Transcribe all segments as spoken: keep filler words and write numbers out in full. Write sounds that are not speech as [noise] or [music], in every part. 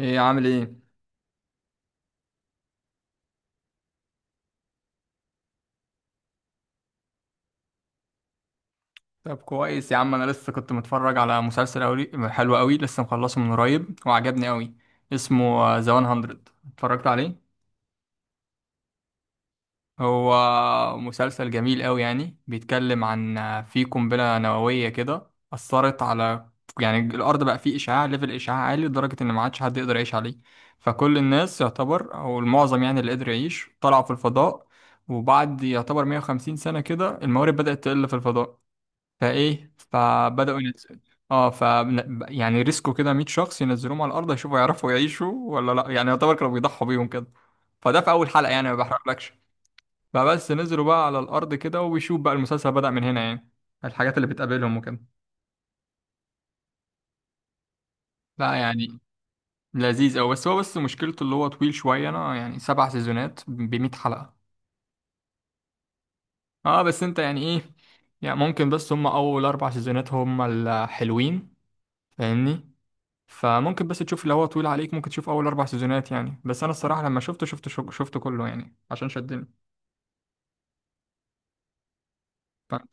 ايه عامل ايه؟ طب كويس يا عم، انا لسه كنت متفرج على مسلسل أولي حلو قوي، لسه مخلصه من قريب وعجبني قوي. اسمه ذا ميه. اتفرجت عليه؟ هو مسلسل جميل قوي، يعني بيتكلم عن آه، في قنبلة نووية كده أثرت على يعني الأرض، بقى فيه إشعاع، ليفل إشعاع عالي لدرجة إن ما عادش حد يقدر يعيش عليه. فكل الناس يعتبر، أو المعظم يعني، اللي قدر يعيش طلعوا في الفضاء. وبعد يعتبر 150 سنة كده، الموارد بدأت تقل في الفضاء، فايه فبداوا ينزلوا. اه ف يعني ريسكوا كده 100 شخص، ينزلوهم على الارض يشوفوا يعرفوا يعيشوا ولا لا، يعني يعتبر كانوا بيضحوا بيهم كده. فده في اول حلقه يعني، ما بحرقلكش. فبس نزلوا بقى على الارض كده، وبيشوف بقى المسلسل بدأ من هنا يعني، الحاجات اللي بتقابلهم وكده. لا يعني، لذيذ أوي، بس هو بس مشكلته اللي هو طويل شويه، انا يعني سبع سيزونات ب 100 حلقه. اه، بس انت يعني ايه. يعني ممكن، بس هم اول اربع سيزونات هم الحلوين، فاهمني؟ فممكن بس تشوف، لو هو طويل عليك ممكن تشوف اول اربع سيزونات يعني، بس انا الصراحه لما شفته شفته شو- شفته كله يعني عشان شدني. فهمت؟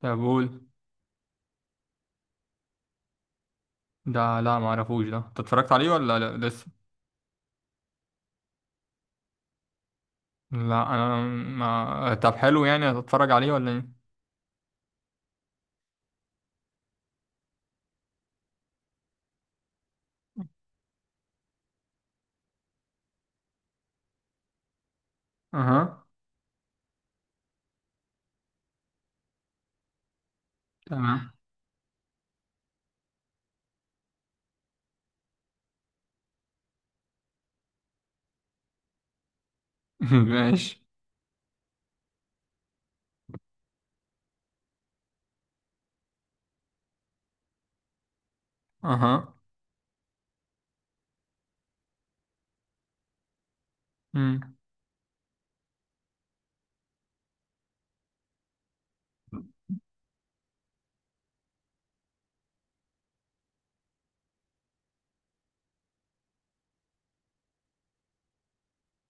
طب قول. ده لا ما اعرفوش ده، انت اتفرجت عليه ولا لا لسه؟ لا انا ما طب حلو، يعني هتتفرج عليه ولا ايه؟ اها. تمام. [laughs] ماشي. اها. امم.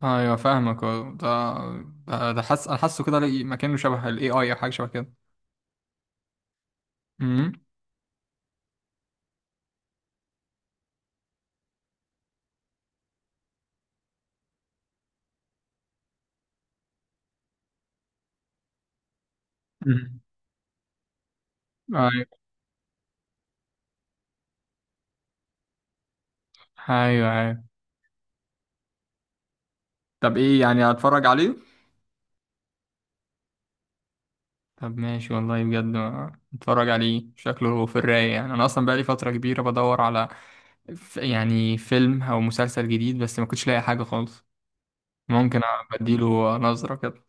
ايوه فاهمك، أه. ده ده ده حاسس، انا حاسه كده لقي- مكانه شبه الاي اي او، حاجه شبه كده. امم. أمم. ايوه ايوه ايوه. طب ايه يعني، هتفرج عليه؟ طب ماشي والله بجد، اتفرج عليه شكله في الرايق يعني، انا اصلا بقالي فتره كبيره بدور على ف- يعني فيلم او مسلسل جديد، بس ما كنتش لاقي حاجه خالص. ممكن اديله نظره كده.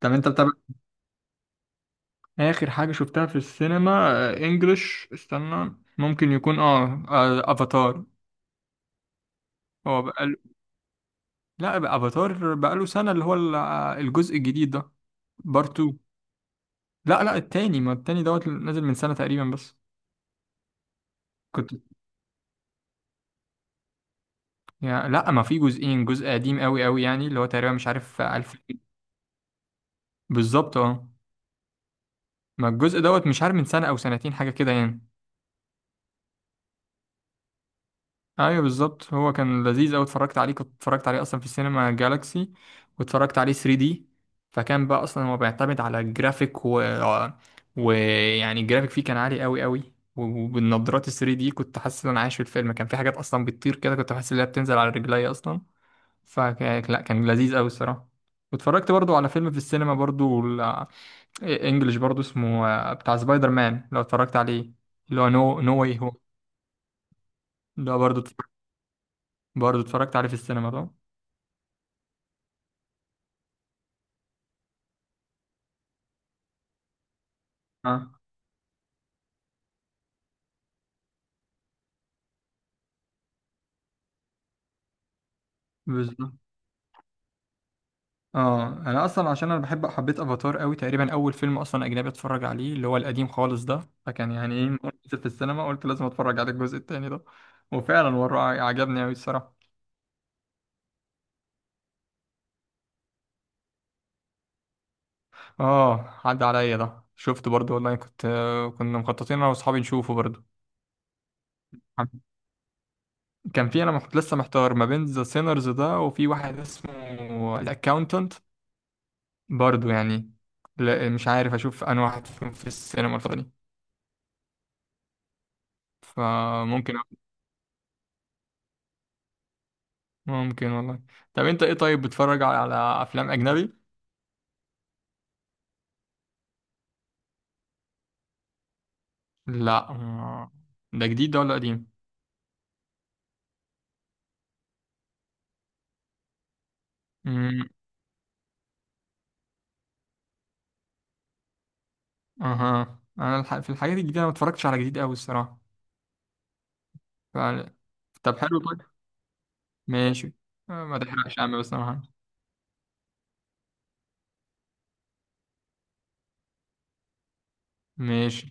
طب انت بتابع؟ اخر حاجه شفتها في السينما آه، انجلش، استنى ممكن يكون اه آه، افاتار. هو بقاله. لا، بقى افاتار بقاله سنه، اللي هو ال- آه، الجزء الجديد ده، بارت اتنين. لا لا، التاني، ما التاني دوت نازل من سنه تقريبا بس. كنت. يا لا ما في جزئين، جزء قديم قوي قوي يعني، اللي هو تقريبا مش عارف ألف. بالظبط اه. ما الجزء دوت مش عارف من سنة أو سنتين حاجة كده يعني. أيوه بالظبط، هو كان لذيذ أوي. اتفرجت عليه، كنت اتفرجت عليه أصلا في السينما جالاكسي، واتفرجت عليه ثري دي. فكان بقى أصلا هو بيعتمد على الجرافيك، و... ويعني الجرافيك فيه كان عالي قوي قوي، وبالنظارات ال ثري دي كنت حاسس إن أنا عايش في الفيلم، كان في حاجات أصلا بتطير كده كنت حاسس إن هي بتنزل على رجلي أصلا. فلا كان لذيذ قوي الصراحه. واتفرجت برضو على فيلم في السينما برضو ال- انجلش برضو، اسمه آه، بتاع سبايدر مان لو اتفرجت عليه، اللي هو نو نو واي هو. ده برضو اتفرجت- برضو اتفرجت عليه في السينما ده. اه بالظبط. اه انا اصلا عشان انا بحب حبيت افاتار قوي، تقريبا اول فيلم اصلا اجنبي اتفرج عليه اللي هو القديم خالص ده، فكان يعني ايه، نزل في السينما قلت لازم اتفرج على الجزء التاني ده، وفعلا وراه عجبني قوي الصراحه. اه عدى عليا ده، شفته برضو والله، كنت آه، كنا مخططين انا واصحابي نشوفه برضو. كان في انا محت... لسه محتار ما بين ذا سينرز ده، وفي واحد اسمه الاكاونتنت برضو يعني. لا مش عارف اشوف انا واحد فيهم في السينما الفترة دي. فممكن. ممكن والله. طب انت ايه طيب، بتتفرج على على افلام اجنبي؟ لا آه. ده جديد ده ولا قديم؟ امم. اها، انا الح... في الحاجات الجديدة انا ما اتفرجتش على جديد قوي الصراحة. ف... طب حلو طيب. ماشي. آه، ما تحرقش يا عم، بس أنا هعمل. ماشي.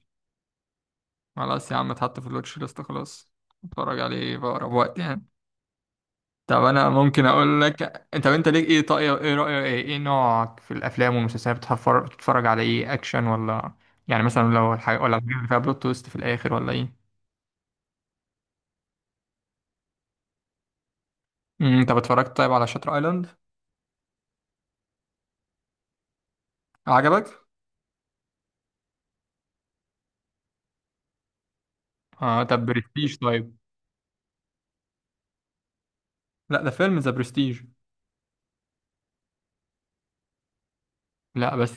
خلاص يا عم اتحط في الواتش ليست خلاص، اتفرج عليه في اقرب وقت يعني. طب انا ممكن اقول لك، انت انت ليك ايه، طاقية ايه رأيك، ايه ايه نوعك في الافلام والمسلسلات، بتفر- بتتفرج على ايه، اكشن ولا يعني، مثلا لو الحاجة ولا الحاجات اللي فيها بلوت تويست في الاخر ولا ايه؟ امم، انت اتفرجت طيب على شاتر ايلاند؟ عجبك؟ اه، طب برستيج طيب. لا، ده فيلم ذا برستيج. لا بس.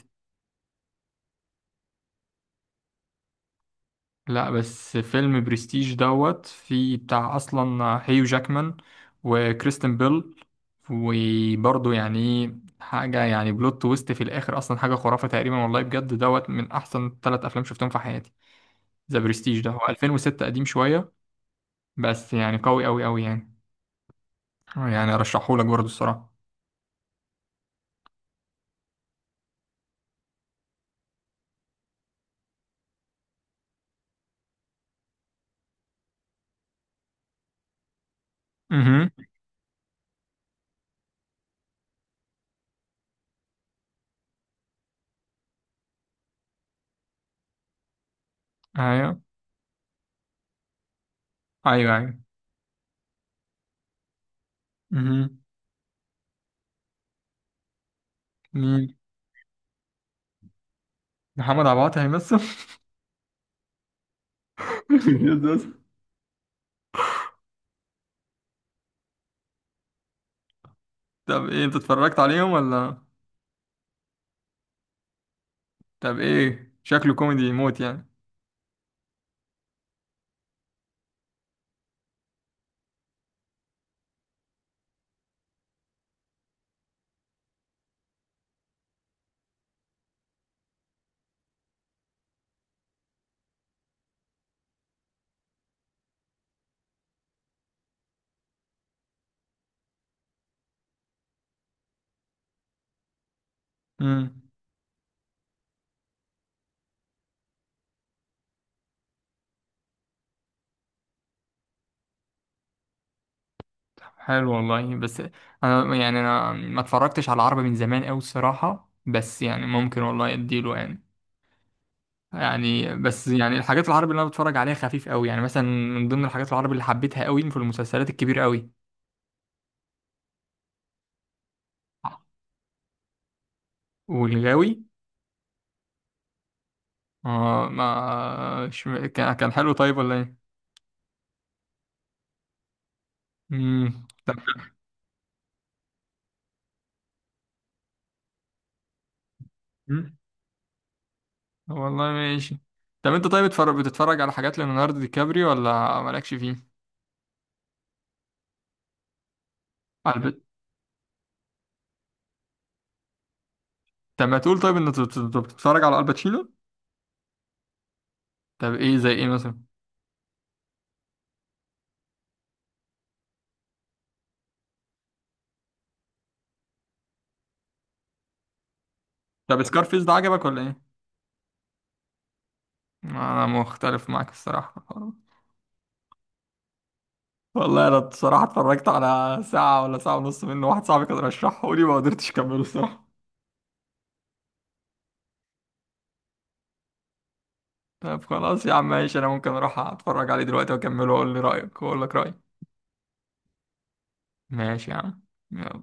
لا بس، فيلم برستيج دوت، في بتاع اصلا هيو جاكمان وكريستن بيل، وبرضه يعني إيه، حاجه يعني بلوت تويست في الاخر اصلا، حاجه خرافه تقريبا، والله بجد دوت من احسن ثلاث افلام شفتهم في حياتي. ذا برستيج ده هو الفين وستة، قديم شويه بس يعني قوي قوي قوي يعني، يعني ارشحهولك برضه الصراحه. اها. ايوه ايوه ايوه. اها. مين؟ محمد عبد العاطي هيمثل؟ [laughs] طب ايه، انت اتفرجت عليهم ولا؟ طب ايه شكله، كوميدي موت يعني؟ امم. حلو والله، بس انا يعني انا ما اتفرجتش على العربي من زمان قوي الصراحه، بس يعني ممكن والله اديله يعني، يعني بس يعني الحاجات العربي اللي انا بتفرج عليها خفيف قوي يعني، مثلا من ضمن الحاجات العربي اللي حبيتها قوي في المسلسلات الكبيره قوي والغاوي. اه، ما ش... كان كان حلو طيب ولا ايه؟ امم طب. مم. والله ماشي. طب انت طيب، بتفرج بتتفرج على حاجات ليوناردو دي كابريو ولا مالكش فيه؟ طب ما تقول طيب، ان انت أنت بتتفرج على الباتشينو. طب ايه، زي ايه مثلا؟ طب سكارفيس ده عجبك ولا ايه؟ انا مختلف معاك الصراحه في الحوار ده. والله انا الصراحه اتفرجت على ساعه ولا ساعه ونص منه، واحد صاحبي كان رشحه لي ما قدرتش اكمله الصراحه. طب خلاص يا عم ماشي، انا ممكن اروح اتفرج عليه دلوقتي واكمله، واقول لي رايك واقول لك رايي. ماشي يا عم. يلا